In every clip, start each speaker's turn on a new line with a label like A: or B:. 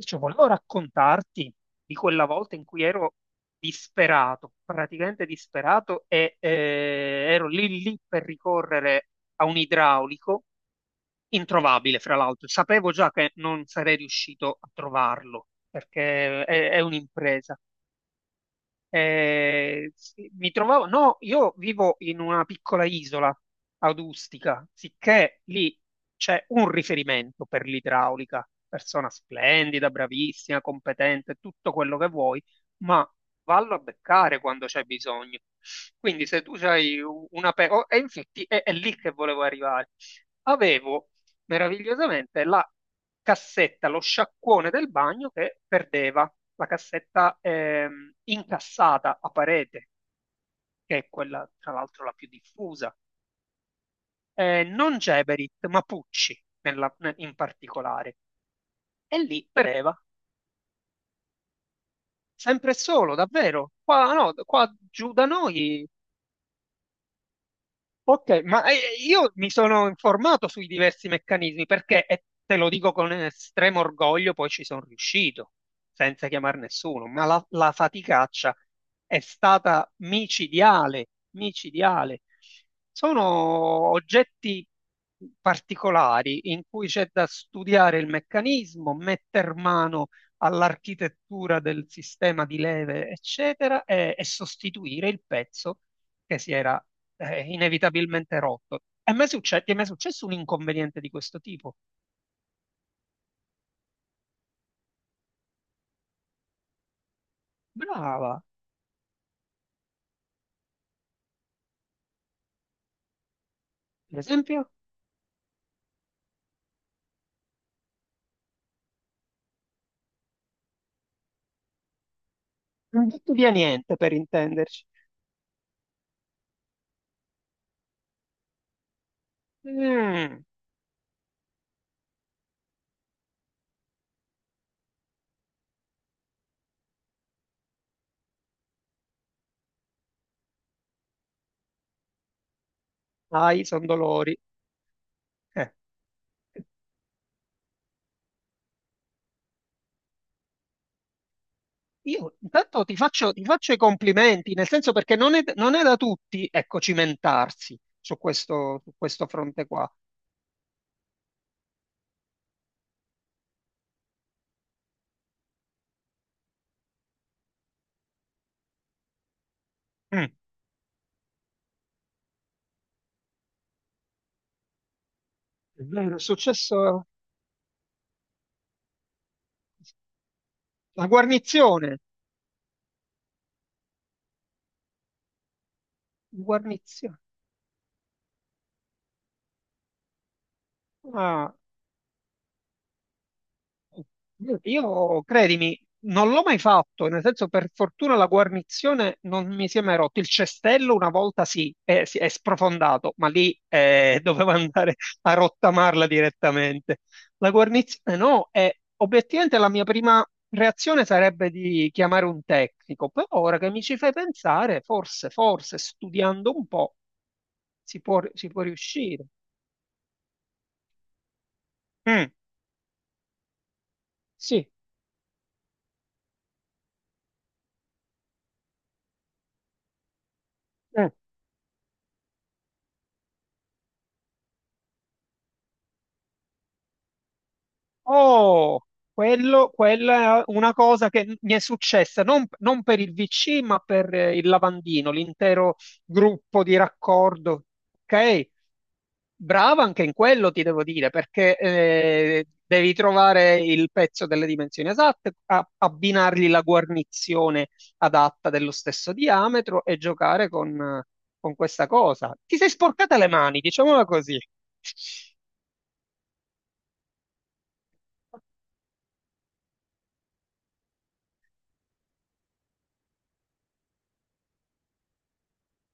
A: Cioè, volevo raccontarti di quella volta in cui ero disperato, praticamente disperato, e ero lì lì per ricorrere a un idraulico introvabile, fra l'altro. Sapevo già che non sarei riuscito a trovarlo, perché è un'impresa. Sì, mi trovavo, no, io vivo in una piccola isola adustica, sicché lì c'è un riferimento per l'idraulica, persona splendida, bravissima, competente, tutto quello che vuoi, ma vallo a beccare quando c'è bisogno. Quindi se tu hai una... oh, e infatti è lì che volevo arrivare. Avevo meravigliosamente la cassetta, lo sciacquone del bagno che perdeva, la cassetta incassata a parete, che è quella tra l'altro la più diffusa. Non Geberit, ma Pucci in particolare. E lì beveva, sempre e solo, davvero. Qua, no, qua giù da noi. Ok, ma io mi sono informato sui diversi meccanismi perché, e te lo dico con estremo orgoglio, poi ci sono riuscito, senza chiamare nessuno, ma la faticaccia è stata micidiale, micidiale. Sono oggetti particolari in cui c'è da studiare il meccanismo, metter mano all'architettura del sistema di leve, eccetera, e sostituire il pezzo che si era inevitabilmente rotto. E ti è mai successo un inconveniente di questo tipo? Brava, per esempio, non butto via niente per intenderci. Mm, ai, sono dolori. Eh, Io intanto ti faccio i complimenti, nel senso perché non è da tutti, ecco, cimentarsi su questo fronte qua. Mm, è vero, è successo la guarnizione. Guarnizione. Ah. Io, credimi, non l'ho mai fatto, nel senso per fortuna la guarnizione non mi si è mai rotto. Il cestello una volta sì, si è sprofondato, ma lì dovevo andare a rottamarla direttamente. La guarnizione no, e obiettivamente la mia prima reazione sarebbe di chiamare un tecnico, però ora che mi ci fai pensare, forse, forse studiando un po' si può riuscire. Mm, sì. Mm. Oh, quello, quella è una cosa che mi è successa non per il VC, ma per il lavandino, l'intero gruppo di raccordo. Ok, brava anche in quello, ti devo dire, perché devi trovare il pezzo delle dimensioni esatte, abbinargli la guarnizione adatta dello stesso diametro e giocare con questa cosa. Ti sei sporcata le mani, diciamola così.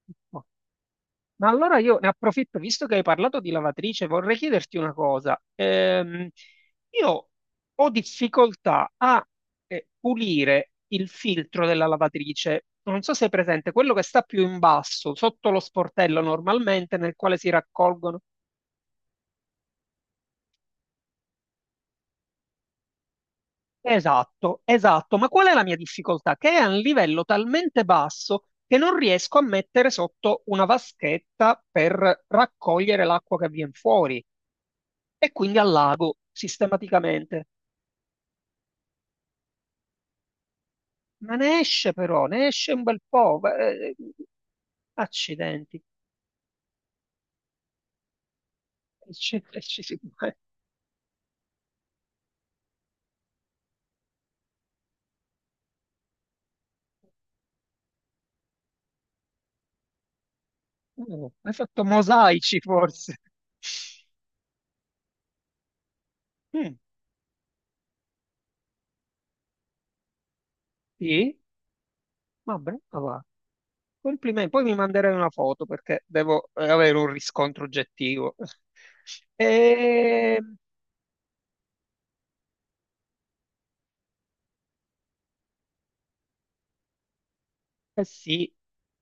A: Ma allora io ne approfitto, visto che hai parlato di lavatrice, vorrei chiederti una cosa. Io ho difficoltà a pulire il filtro della lavatrice. Non so se è presente, quello che sta più in basso, sotto lo sportello normalmente, nel quale si raccolgono. Esatto, esatto. Ma qual è la mia difficoltà? Che è a un livello talmente basso che non riesco a mettere sotto una vaschetta per raccogliere l'acqua che viene fuori. E quindi al lago sistematicamente. Ma ne esce però, ne esce un bel po'. Eh, accidenti. E ci- e ci si- oh, hai fatto mosaici forse. Mm, sì, ma brava. Va. Complimenti. Poi mi manderai una foto perché devo avere un riscontro oggettivo. E, eh sì,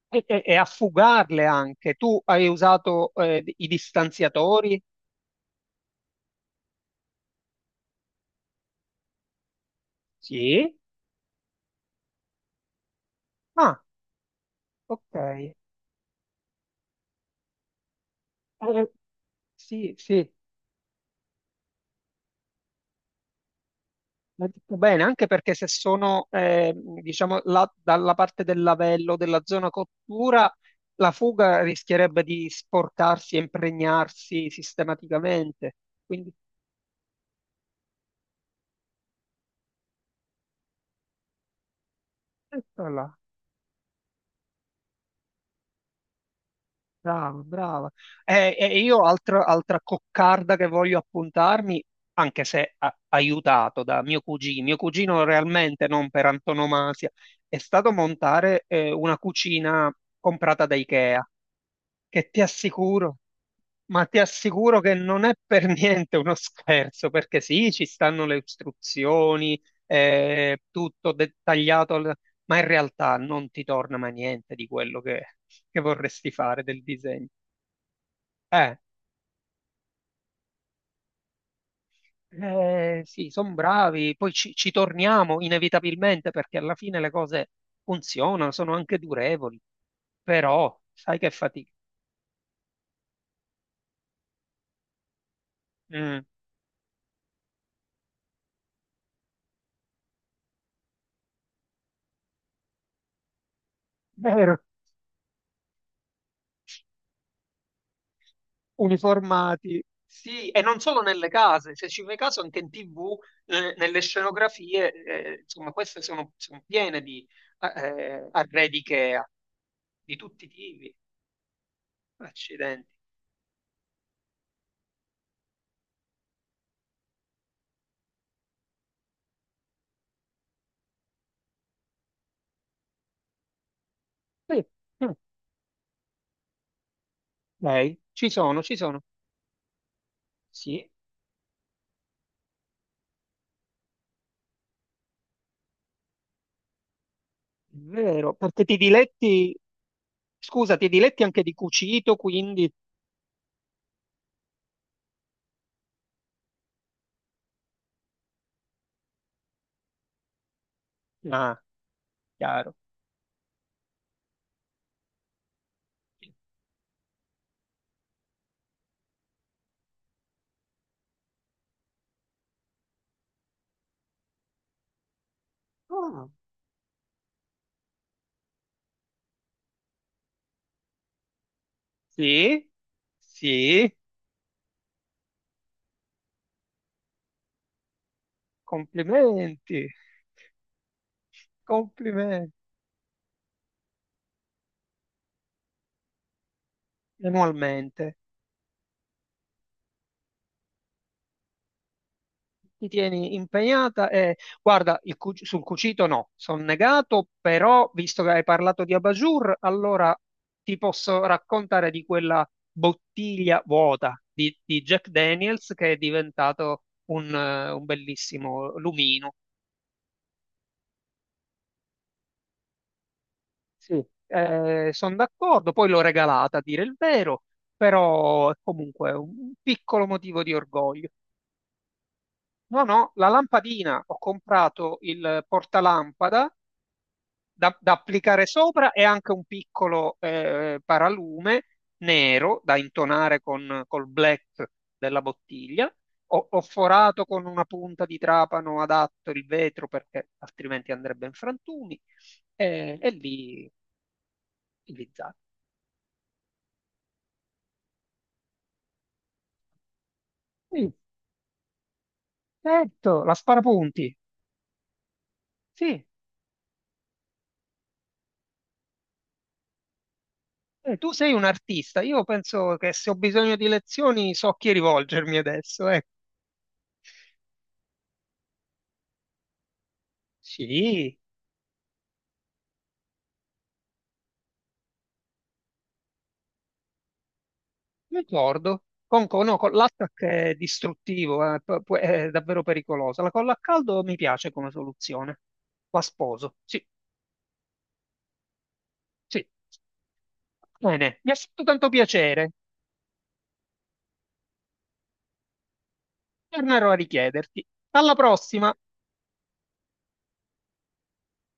A: e a fugarle anche. Tu hai usato i distanziatori? Sì. Ah, ok. Eh, sì, sì, l'ha detto bene, anche perché se sono, diciamo, dalla parte del lavello, della zona cottura, la fuga rischierebbe di sporcarsi e impregnarsi sistematicamente. Quindi, eccola, brava, brava. E, e io altra coccarda che voglio appuntarmi, anche se aiutato da mio cugino realmente non per antonomasia, è stato montare, una cucina comprata da Ikea. Che ti assicuro, ma ti assicuro che non è per niente uno scherzo, perché sì, ci stanno le istruzioni, tutto dettagliato, ma in realtà non ti torna mai niente di quello che vorresti fare del disegno. Eh, sì, sono bravi, poi ci, ci torniamo inevitabilmente perché alla fine le cose funzionano, sono anche durevoli, però sai che fatica. Mm, vero. Uniformati. Sì, e non solo nelle case, se ci fai caso anche in TV, nelle scenografie, insomma, queste sono, sono piene di arredi IKEA, di tutti i tipi. Accidenti. Sì, mm, lei, ci sono, ci sono. Sì, è vero, perché ti diletti, scusa, ti diletti anche di cucito, quindi... Ah, chiaro. Ah, sì, sì, complimenti, complimenti, manualmente. Ti tieni impegnata e guarda, sul cucito no, sono negato, però visto che hai parlato di Abajur, allora ti posso raccontare di quella bottiglia vuota di Jack Daniels che è diventato un bellissimo lumino. Sì, sono d'accordo, poi l'ho regalata a dire il vero, però è comunque un piccolo motivo di orgoglio. No, no, la lampadina, ho comprato il portalampada da applicare sopra e anche un piccolo paralume nero da intonare con, col black della bottiglia. Ho forato con una punta di trapano adatto il vetro perché altrimenti andrebbe in frantumi e lì lì zacco. Sì, certo, la sparapunti. Sì, tu sei un artista. Io penso che se ho bisogno di lezioni so a chi rivolgermi adesso. Ecco. Sì. Ricordo, no, con l'attack è distruttivo, è davvero pericolosa. La colla a caldo mi piace come soluzione. La sposo. Sì, sì. Bene, mi ha fatto tanto piacere. Tornerò a richiederti. Alla prossima!